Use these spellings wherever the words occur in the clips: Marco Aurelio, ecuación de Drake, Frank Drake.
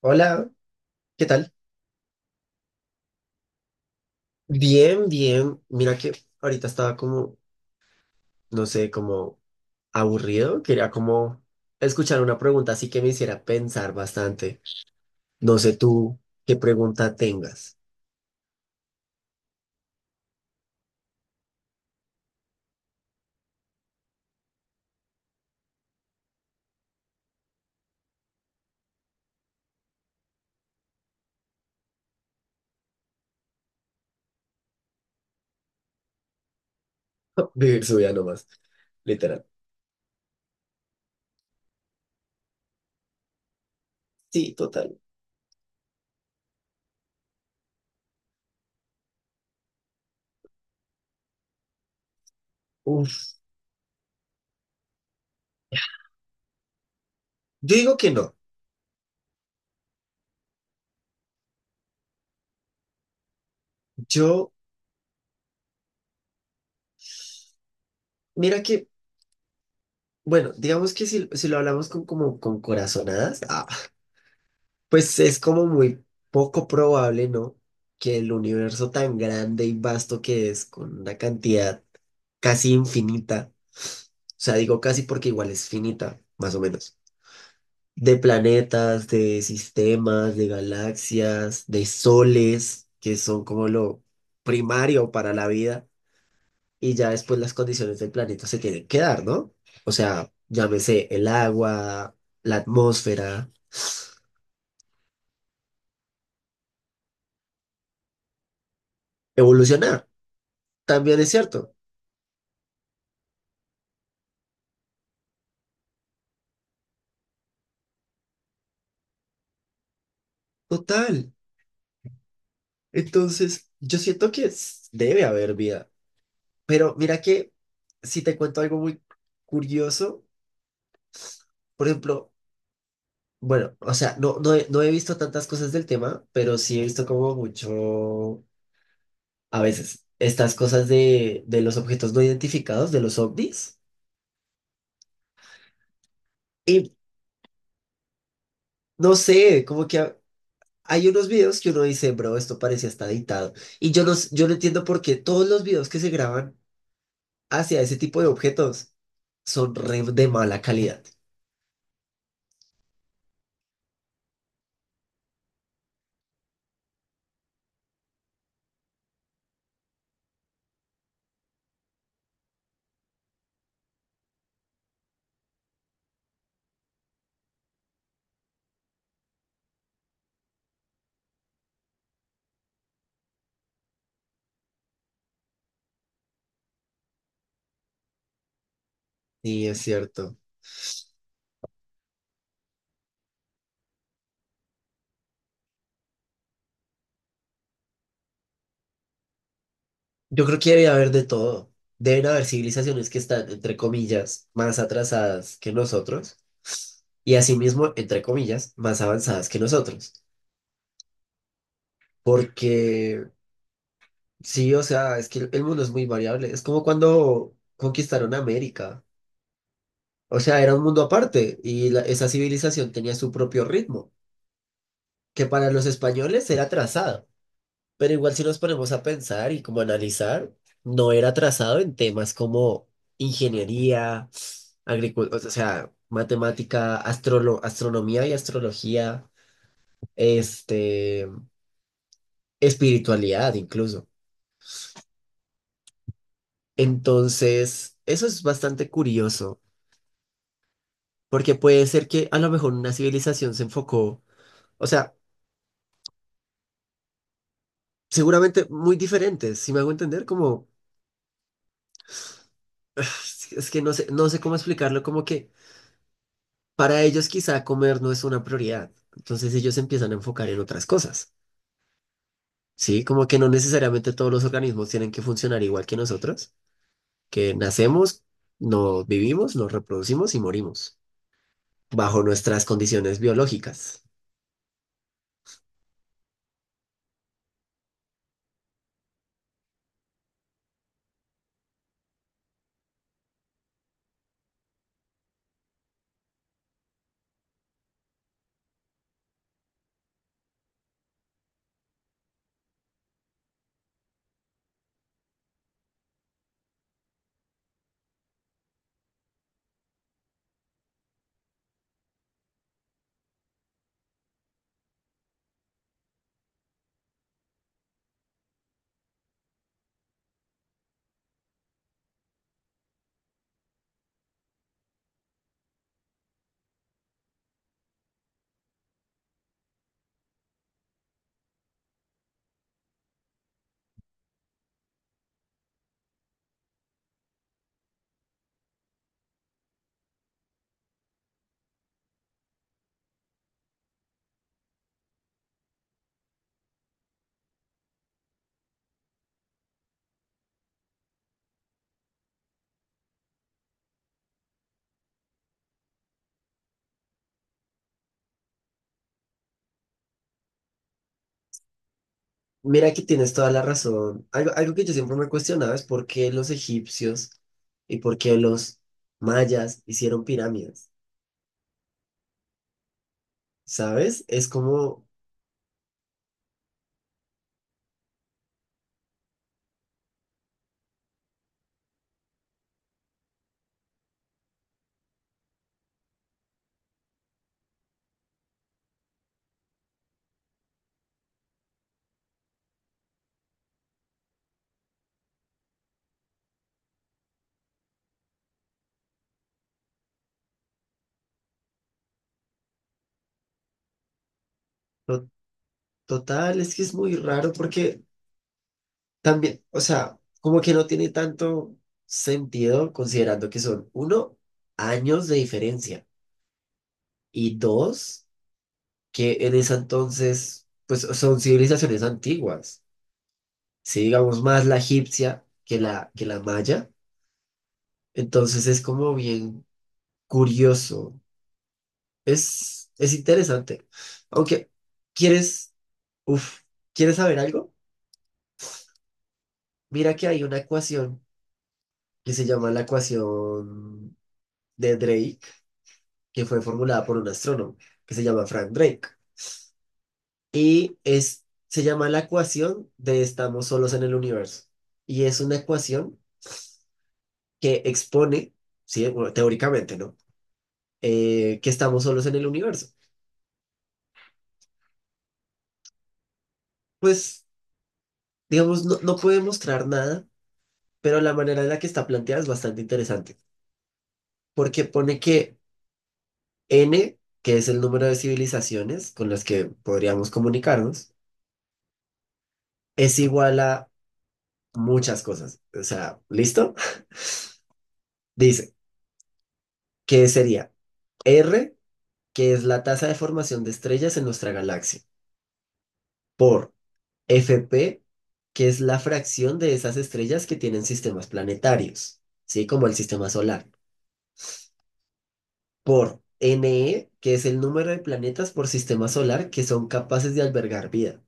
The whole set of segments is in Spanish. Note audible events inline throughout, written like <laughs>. Hola, ¿qué tal? Bien, bien. Mira que ahorita estaba no sé, como aburrido. Quería como escuchar una pregunta así que me hiciera pensar bastante. No sé tú qué pregunta tengas. <laughs> Vivir su vida nomás, literal. Sí, total. Uf. Yo digo que no. Yo, mira que, bueno, digamos que si lo hablamos con, como, con corazonadas, pues es como muy poco probable, ¿no? Que el universo tan grande y vasto que es, con una cantidad casi infinita. O sea, digo casi porque igual es finita, más o menos. De planetas, de sistemas, de galaxias, de soles, que son como lo primario para la vida. Y ya después las condiciones del planeta se tienen que dar, ¿no? O sea, llámese el agua, la atmósfera, evolucionar. También es cierto. Total. Entonces, yo siento que debe haber vida. Pero mira que si te cuento algo muy curioso. Por ejemplo, bueno, o sea, no he visto tantas cosas del tema, pero sí he visto como mucho, a veces, estas cosas de los objetos no identificados, de los ovnis. Y no sé, como que hay unos videos que uno dice, bro, esto parece hasta editado. Y yo yo no entiendo por qué todos los videos que se graban hacia ese tipo de objetos son re de mala calidad. Sí, es cierto. Yo creo que debe haber de todo. Deben haber civilizaciones que están, entre comillas, más atrasadas que nosotros y asimismo, entre comillas, más avanzadas que nosotros. Porque sí, o sea, es que el mundo es muy variable. Es como cuando conquistaron América. O sea, era un mundo aparte y esa civilización tenía su propio ritmo, que para los españoles era trazado. Pero igual si nos ponemos a pensar y como analizar, no era trazado en temas como ingeniería, agricultura, o sea, matemática, astronomía y astrología, este, espiritualidad incluso. Entonces, eso es bastante curioso. Porque puede ser que a lo mejor una civilización se enfocó, o sea, seguramente muy diferentes, si me hago entender, como <sighs> es que no sé, no sé cómo explicarlo, como que para ellos quizá comer no es una prioridad, entonces ellos se empiezan a enfocar en otras cosas, ¿sí? Como que no necesariamente todos los organismos tienen que funcionar igual que nosotros, que nacemos, nos vivimos, nos reproducimos y morimos, bajo nuestras condiciones biológicas. Mira que tienes toda la razón. Algo, algo que yo siempre me cuestionaba es por qué los egipcios y por qué los mayas hicieron pirámides, ¿sabes? To- total, es que es muy raro porque también, o sea, como que no tiene tanto sentido considerando que son, uno, años de diferencia y dos, que en ese entonces, pues son civilizaciones antiguas, si digamos más la egipcia que que la maya. Entonces es como bien curioso. Es interesante. Aunque, ¿quieres, uf, ¿quieres saber algo? Mira que hay una ecuación que se llama la ecuación de Drake, que fue formulada por un astrónomo que se llama Frank Drake. Se llama la ecuación de estamos solos en el universo. Y es una ecuación que expone, sí, bueno, teóricamente, ¿no? Que estamos solos en el universo. Pues, digamos, no puede mostrar nada pero la manera en la que está planteada es bastante interesante, porque pone que n, que es el número de civilizaciones con las que podríamos comunicarnos, es igual a muchas cosas. O sea, ¿listo? <laughs> Dice que sería R, que es la tasa de formación de estrellas en nuestra galaxia, por FP, que es la fracción de esas estrellas que tienen sistemas planetarios, ¿sí? Como el sistema solar. Por NE, que es el número de planetas por sistema solar que son capaces de albergar vida,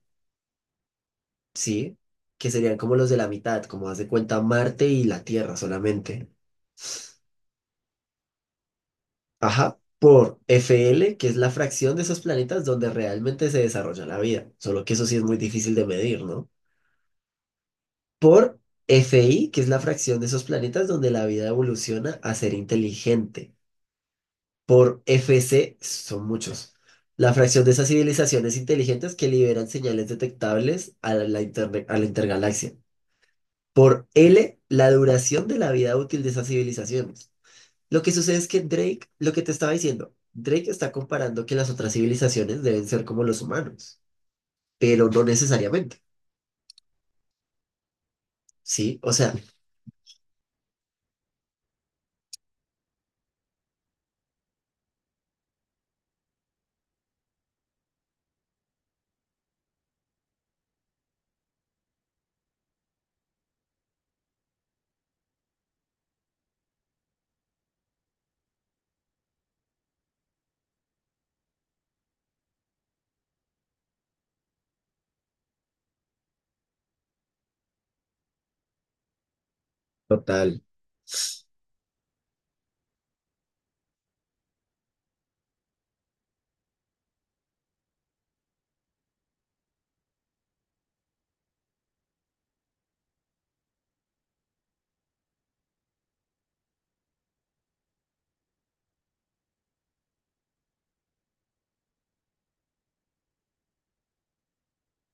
¿sí? Que serían como los de la mitad, como haz de cuenta Marte y la Tierra solamente. Ajá, por FL, que es la fracción de esos planetas donde realmente se desarrolla la vida, solo que eso sí es muy difícil de medir, ¿no? Por FI, que es la fracción de esos planetas donde la vida evoluciona a ser inteligente. Por F C son muchos. La fracción de esas civilizaciones inteligentes que liberan señales detectables a a la intergalaxia. Por L, la duración de la vida útil de esas civilizaciones. Lo que sucede es que Drake, lo que te estaba diciendo, Drake está comparando que las otras civilizaciones deben ser como los humanos, pero no necesariamente, ¿sí? O sea, total.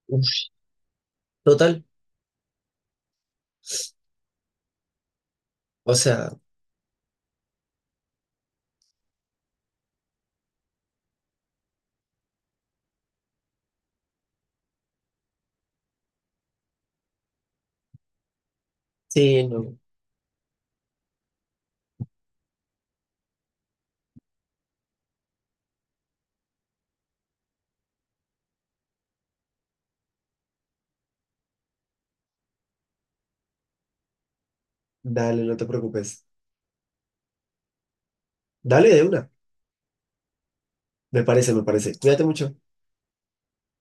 Uf. Total. O sea, sí, no. Dale, no te preocupes. Dale de una. Me parece, me parece. Cuídate mucho.